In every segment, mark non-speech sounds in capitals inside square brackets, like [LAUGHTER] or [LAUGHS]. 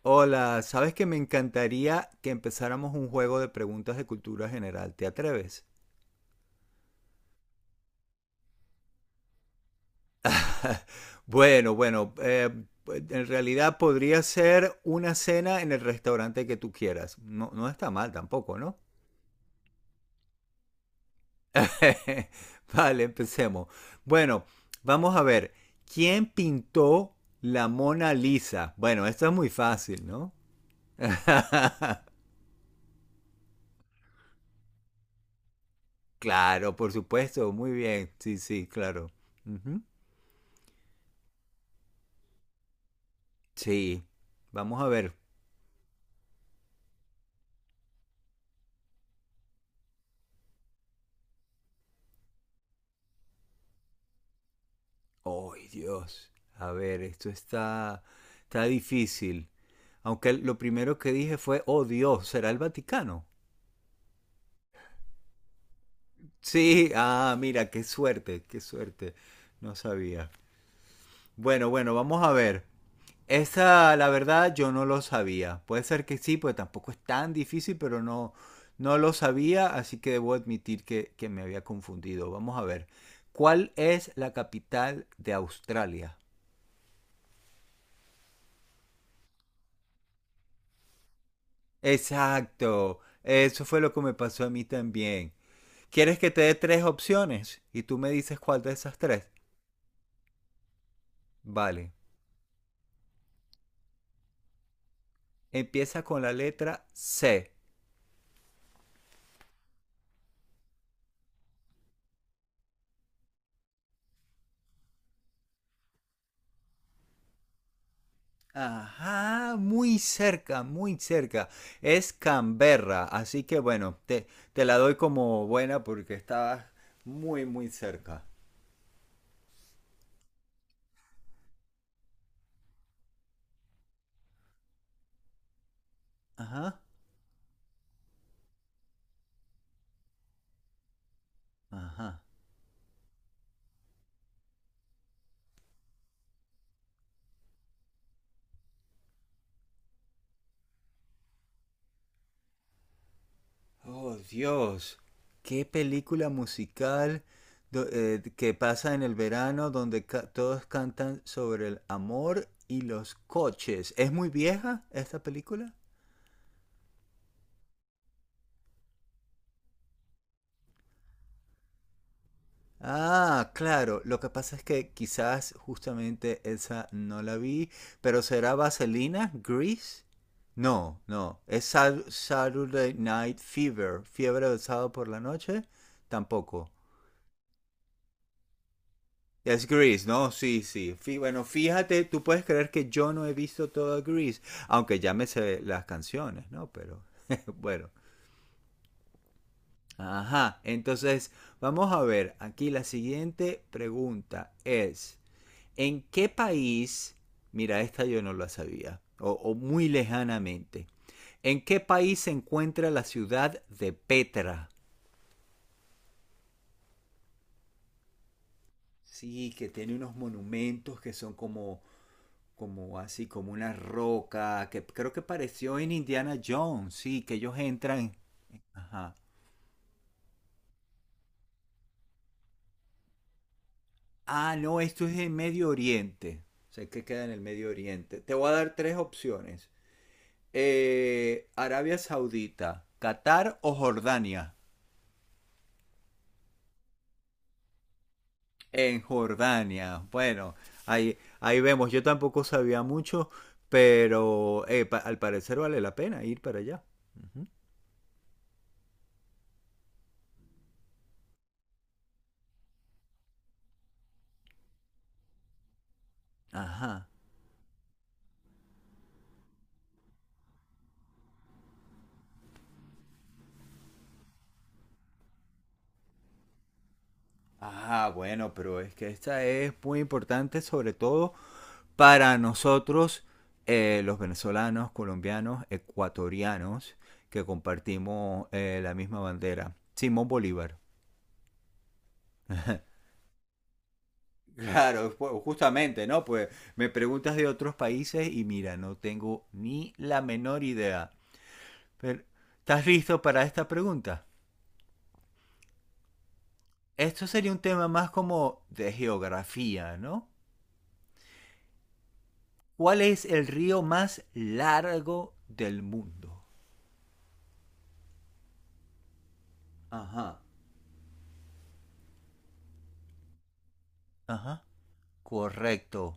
Hola, ¿sabes que me encantaría que empezáramos un juego de preguntas de cultura general? ¿Te atreves? Bueno, bueno, eh, pues, en realidad podría ser una cena en el restaurante que tú quieras. No, no está mal tampoco, ¿no? [LAUGHS] Vale, empecemos. Bueno, vamos a ver. ¿Quién pintó la Mona Lisa? Bueno, esto es muy fácil, ¿no? Claro, por supuesto, muy bien. Sí, sí, claro. Ujú. Sí, vamos a ver. ¡Oh, Dios! A ver, está difícil. Aunque lo primero que dije fue, oh Dios, ¿será el Vaticano? Sí, ah, mira, qué suerte, qué suerte. No sabía. Bueno, bueno, vamos a ver. Esa, la verdad, yo no lo sabía. Puede ser que sí, pues tampoco es tan difícil, pero no, no lo sabía, así que debo admitir que me había confundido. Vamos a ver. ¿Cuál es la capital de Australia? Exacto. Eso fue lo que me pasó a mí también. ¿Quieres que te dé tres opciones? Y tú me dices cuál de esas tres. Vale. Empieza con la letra C. Ajá, muy cerca, muy cerca. Es Canberra, así que te la doy como buena porque estabas muy, muy cerca. Ajá, ajá. Oh, Dios. Qué película musical que pasa en el verano donde todos cantan sobre el amor y los coches. ¿Es muy vieja esta película? Ah, claro. Lo que pasa es que quizás justamente esa no la vi, pero ¿será Vaselina? ¿Grease? No, no. ¿Es Saturday Night Fever? ¿Fiebre del sábado por la noche? Tampoco. Es Grease, ¿no? Sí, sí. Bueno, fíjate, tú puedes creer que yo no he visto toda Grease, aunque ya me sé las canciones, ¿no? Pero [LAUGHS] bueno. Ajá, entonces vamos a ver, aquí la siguiente pregunta es, ¿en qué país, mira, esta yo no la sabía, o muy lejanamente, ¿en qué país se encuentra la ciudad de Petra? Sí, que tiene unos monumentos que son como así, como una roca, que creo que pareció en Indiana Jones, sí, que ellos entran. Ajá. Ah, no, esto es en Medio Oriente. Sé que queda en el Medio Oriente. Te voy a dar tres opciones. Arabia Saudita, Qatar o Jordania. En Jordania. Bueno, ahí vemos. Yo tampoco sabía mucho, pero al parecer vale la pena ir para allá. Ujú. Ajá. Ah, bueno, pero es que esta es muy importante, sobre todo para nosotros, los venezolanos, colombianos, ecuatorianos, que compartimos la misma bandera. Simón Bolívar. Claro, pues, justamente, ¿no? Pues me preguntas de otros países y mira, no tengo ni la menor idea. Pero, ¿estás listo para esta pregunta? Esto sería un tema más como de geografía, ¿no? ¿Cuál es el río más largo del mundo? Ajá. Ajá. Correcto.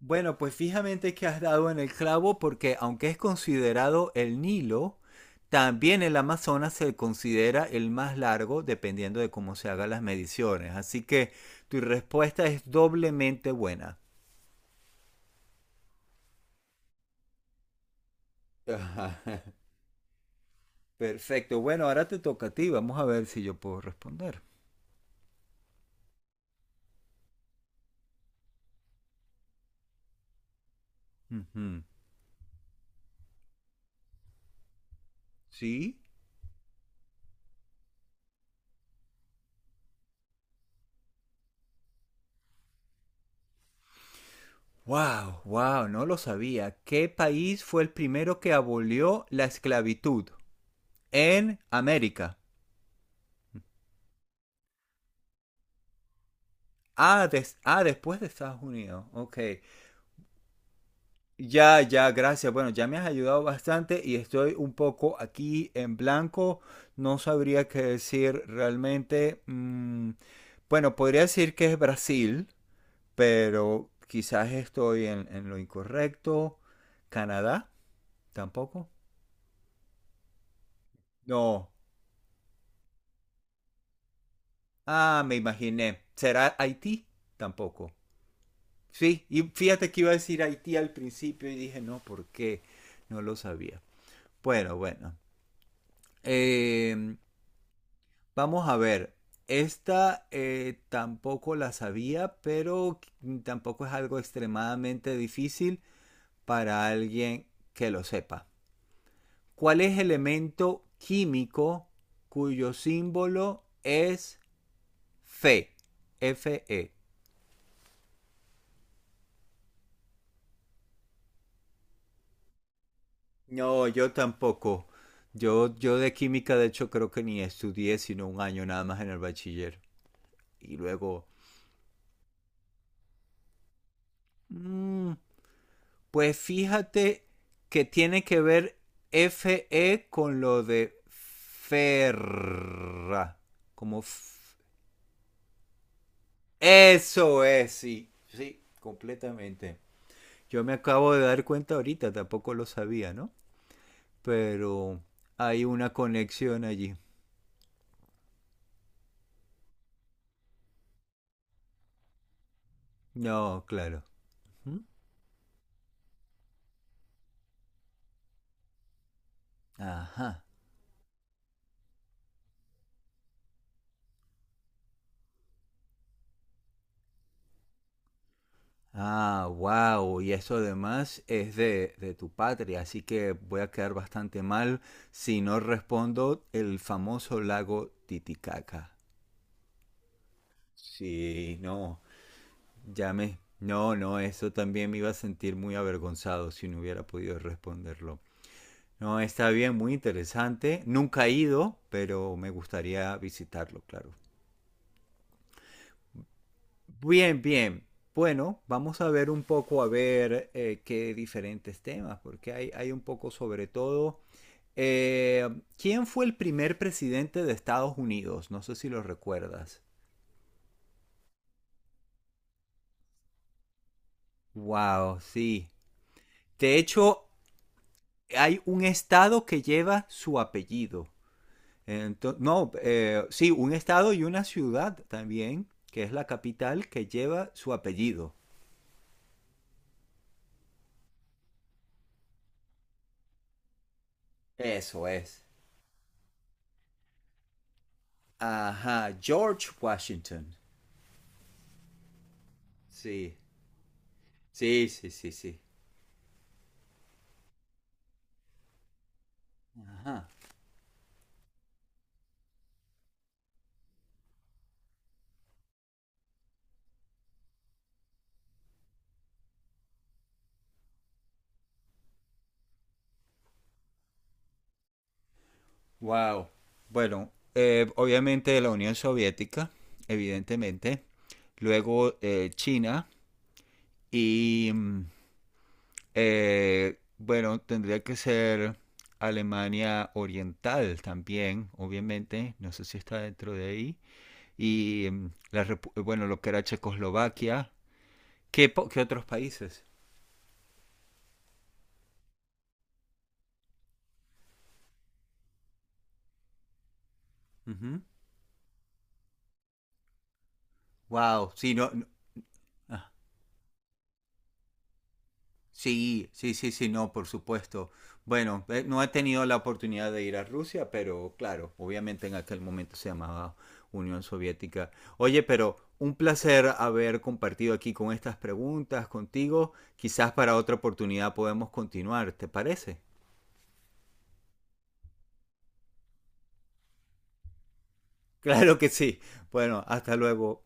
Bueno, pues fijamente que has dado en el clavo porque aunque es considerado el Nilo, también el Amazonas se considera el más largo dependiendo de cómo se hagan las mediciones. Así que tu respuesta es doblemente buena. Ajá. [LAUGHS] Perfecto. Bueno, ahora te toca a ti. Vamos a ver si yo puedo responder. Ujú. ¿Sí? Wow, wow, no lo sabía. ¿Qué país fue el primero que abolió la esclavitud en América? Ah, después de Estados Unidos. Ok. Ya, ya, gracias. Bueno, ya me has ayudado bastante y estoy un poco aquí en blanco. No sabría qué decir realmente. Mm, bueno, podría decir que es Brasil, pero quizás estoy en lo incorrecto. Canadá, tampoco. No. Ah, me imaginé. ¿Será Haití? Tampoco. Sí, y fíjate que iba a decir Haití al principio y dije, no, ¿por qué? No lo sabía. Bueno, bueno. Eh, vamos a ver. Esta tampoco la sabía, pero tampoco es algo extremadamente difícil para alguien que lo sepa. ¿Cuál es el elemento químico cuyo símbolo es Fe? Fe. No, yo tampoco. Yo de química, de hecho, creo que ni estudié, sino un año nada más en el bachiller. Y luego, mm, pues fíjate que tiene que ver FE con lo de ferra. Como f- Eso es, sí. Sí, completamente. Yo me acabo de dar cuenta ahorita, tampoco lo sabía, ¿no? Pero hay una conexión allí. No, claro. ¿Mm? Ajá. Ah, wow, y eso además es de tu patria, así que voy a quedar bastante mal si no respondo el famoso lago Titicaca. Sí, no, ya me... No, no, eso también me iba a sentir muy avergonzado si no hubiera podido responderlo. No, está bien, muy interesante. Nunca he ido, pero me gustaría visitarlo, claro. Bien, bien. Bueno, vamos a ver un poco a ver qué diferentes temas, porque hay un poco sobre todo. eh, ¿Quién fue el primer presidente de Estados Unidos? No sé si lo recuerdas. Wow, sí. De hecho, hay un estado que lleva su apellido. Ento- no, sí, un estado y una ciudad también, que es la capital, que lleva su apellido. Eso es. Ajá, George Washington. Sí. Sí, sí, sí, sí. Ajá. Wow. Bueno, obviamente la Unión Soviética, evidentemente. Luego China y mm, bueno, tendría que ser Alemania Oriental también, obviamente. No sé si está dentro de ahí. Y mm, bueno, lo que era Checoslovaquia. ¿Qué, qué otros países? Wow. Sí, no, no- Sí, sí, sí, sí, no, por supuesto. Bueno, no he tenido la oportunidad de ir a Rusia, pero claro, obviamente en aquel momento se llamaba Unión Soviética. Oye, pero un placer haber compartido aquí con estas preguntas contigo. Quizás para otra oportunidad podemos continuar, ¿te parece? Claro que sí. Bueno, hasta luego.